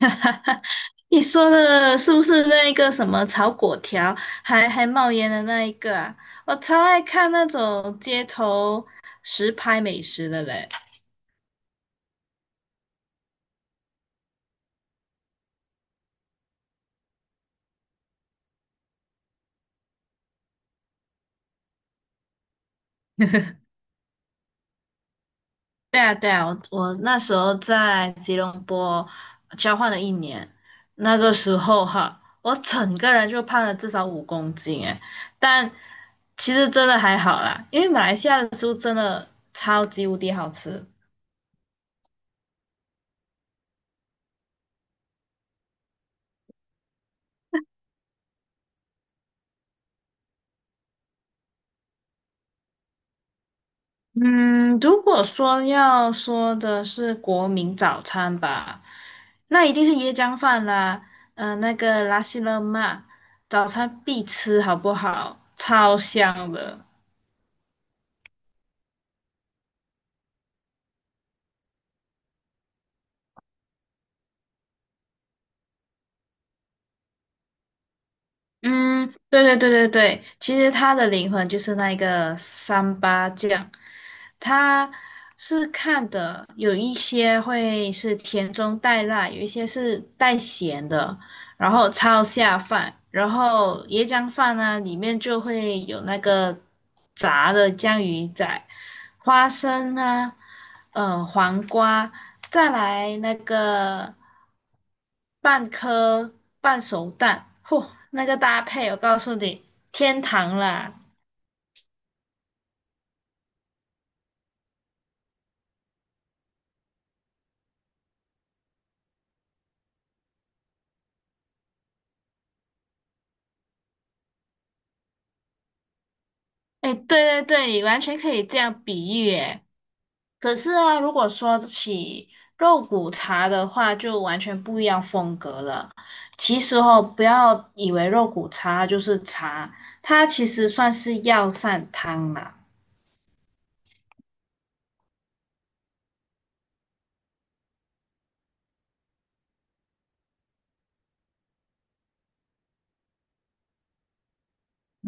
你说的是不是那一个什么炒粿条，还冒烟的那一个啊？我超爱看那种街头实拍美食的嘞。对啊，对啊，我那时候在吉隆坡交换了1年，那个时候哈，我整个人就胖了至少五公斤诶，但其实真的还好啦，因为马来西亚的食物真的超级无敌好吃。嗯，如果说要说的是国民早餐吧，那一定是椰浆饭啦，那个拉西勒玛，早餐必吃，好不好？超香的。嗯，对对对对对，其实它的灵魂就是那个三八酱，它是看的，有一些会是甜中带辣，有一些是带咸的。然后超下饭，然后椰浆饭呢，里面就会有那个炸的江鱼仔、花生啊，黄瓜，再来那个半颗半熟蛋，嚯，那个搭配我告诉你，天堂啦！哎，对对对，完全可以这样比喻诶。可是啊，如果说起肉骨茶的话，就完全不一样风格了。其实哦，不要以为肉骨茶就是茶，它其实算是药膳汤啦。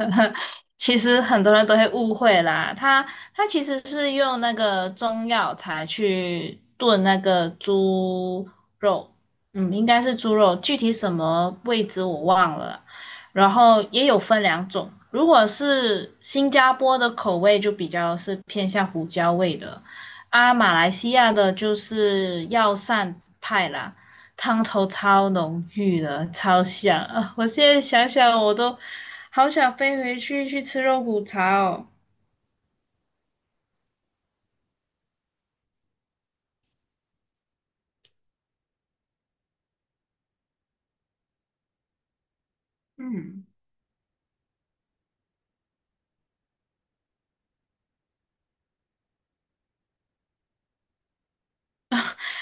其实很多人都会误会啦，它其实是用那个中药材去炖那个猪肉，应该是猪肉，具体什么位置我忘了。然后也有分两种，如果是新加坡的口味就比较是偏向胡椒味的，啊，马来西亚的就是药膳派啦。汤头超浓郁的，超香啊！我现在想想我都好想飞回去吃肉骨茶哦。嗯，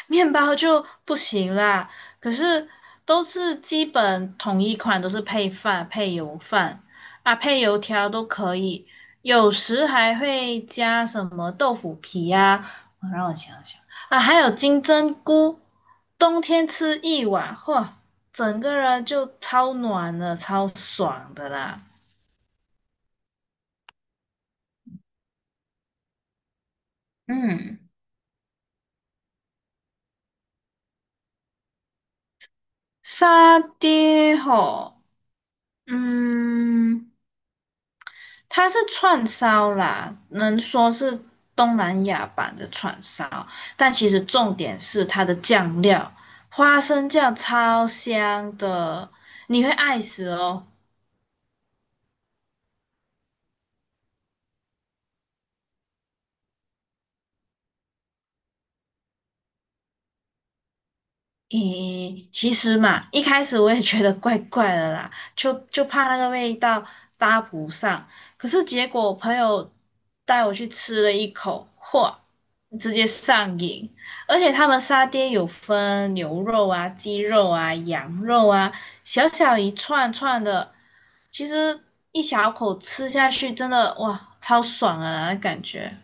面包就不行啦，可是都是基本统一款，都是配饭、配油饭啊，配油条都可以，有时还会加什么豆腐皮呀、我让我想想啊，还有金针菇，冬天吃一碗，嚯，整个人就超暖了，超爽的啦。嗯，沙爹吼，嗯。它是串烧啦，能说是东南亚版的串烧，但其实重点是它的酱料，花生酱超香的，你会爱死哦。咦，其实嘛，一开始我也觉得怪怪的啦，就怕那个味道搭不上。可是结果我朋友带我去吃了一口，嚯，直接上瘾！而且他们沙爹有分牛肉啊、鸡肉啊、羊肉啊，小小一串串的，其实一小口吃下去，真的哇，超爽啊，那感觉。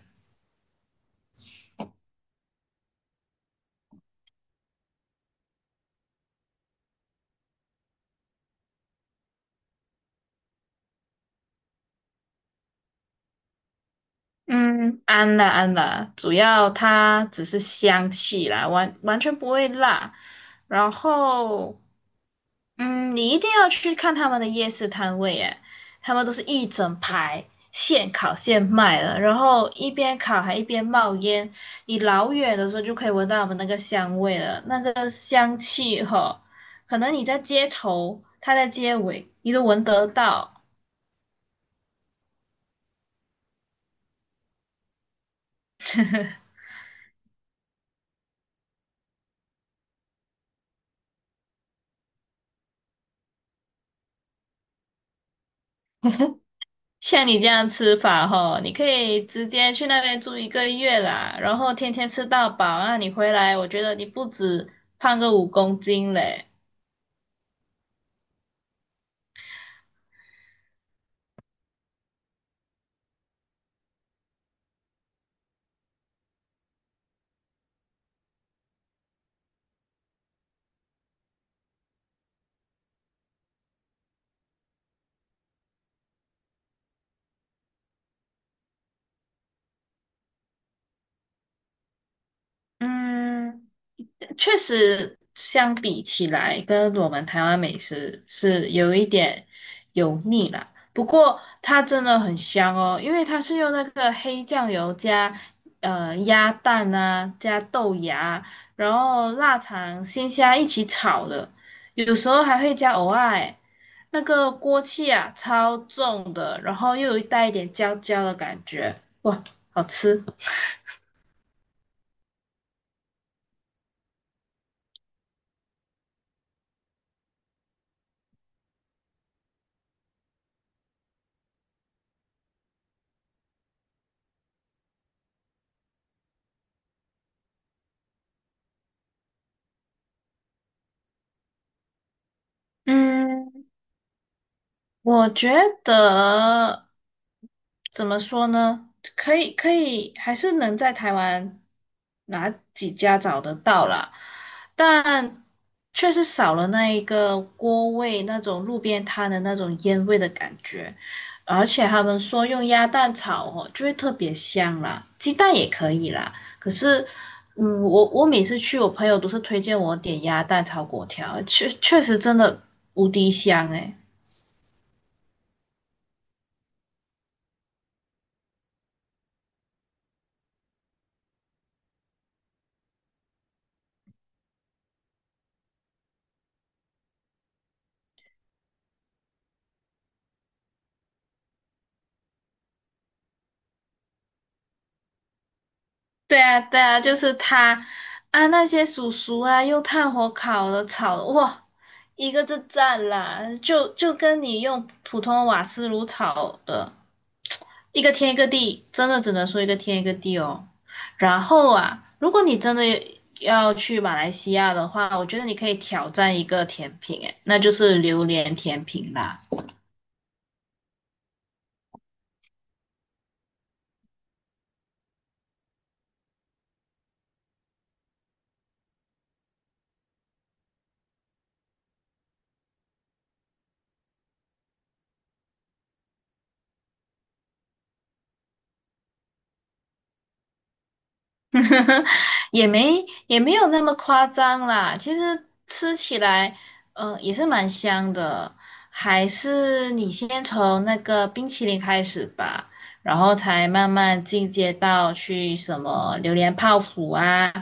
嗯，安啦安啦，主要它只是香气啦，完全不会辣。然后，你一定要去看他们的夜市摊位，诶，他们都是一整排现烤现卖的，然后一边烤还一边冒烟，你老远的时候就可以闻到他们那个香味了，那个香气哈，可能你在街头，他在街尾，你都闻得到。像你这样吃法吼，你可以直接去那边住1个月啦，然后天天吃到饱，那你回来，我觉得你不止胖个五公斤嘞。嗯，确实相比起来，跟我们台湾美食是有一点油腻啦。不过它真的很香哦，因为它是用那个黑酱油加鸭蛋啊，加豆芽，然后腊肠、鲜虾一起炒的，有时候还会加藕啊欸那个锅气啊，超重的，然后又有带一点焦焦的感觉，哇，好吃。嗯，我觉得怎么说呢？可以，可以，还是能在台湾哪几家找得到啦，但确实少了那一个锅味，那种路边摊的那种烟味的感觉。而且他们说用鸭蛋炒哦，就会特别香啦，鸡蛋也可以啦。可是，我每次去，我朋友都是推荐我点鸭蛋炒粿条，确实真的无敌香诶、对啊，对啊，就是他，啊，那些叔叔啊，用炭火烤的、炒的，哇，一个字赞啦，就跟你用普通瓦斯炉炒的，一个天一个地，真的只能说一个天一个地哦。然后啊，如果你真的要去马来西亚的话，我觉得你可以挑战一个甜品，诶，那就是榴莲甜品啦。也没有那么夸张啦。其实吃起来，也是蛮香的。还是你先从那个冰淇淋开始吧，然后才慢慢进阶到去什么榴莲泡芙啊、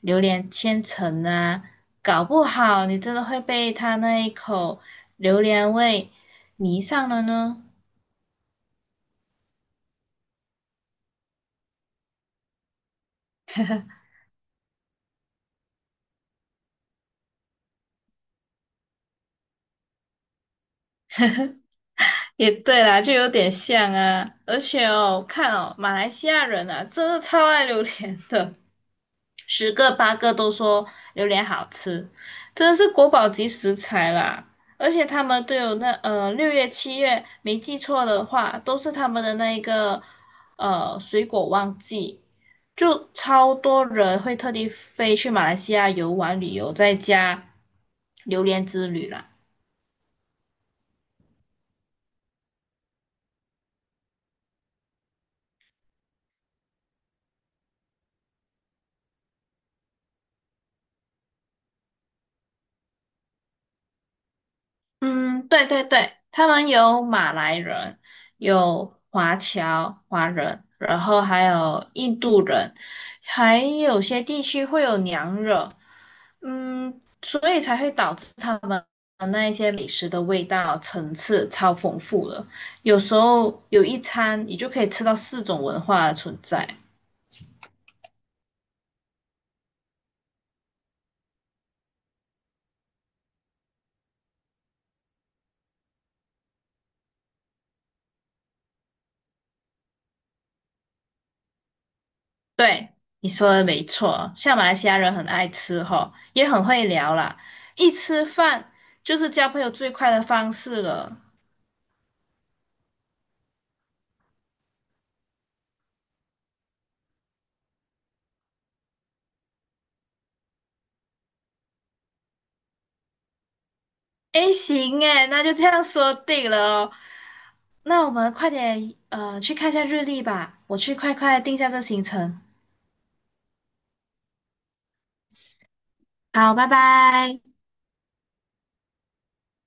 榴莲千层啊。搞不好你真的会被它那一口榴莲味迷上了呢。也对啦，就有点像啊。而且哦，看哦，马来西亚人啊，真的超爱榴莲的，十个八个都说榴莲好吃，真的是国宝级食材啦。而且他们都有那6月7月，没记错的话，都是他们的那一个水果旺季，就超多人会特地飞去马来西亚游玩旅游，再加榴莲之旅啦。嗯，对对对，他们有马来人，有华侨华人，然后还有印度人，还有些地区会有娘惹，嗯，所以才会导致他们那一些美食的味道层次超丰富了。有时候有一餐，你就可以吃到四种文化的存在。对，你说的没错，像马来西亚人很爱吃吼，也很会聊啦，一吃饭就是交朋友最快的方式了。诶，行诶，那就这样说定了哦。那我们快点去看一下日历吧，我去快快定下这行程。好，拜拜。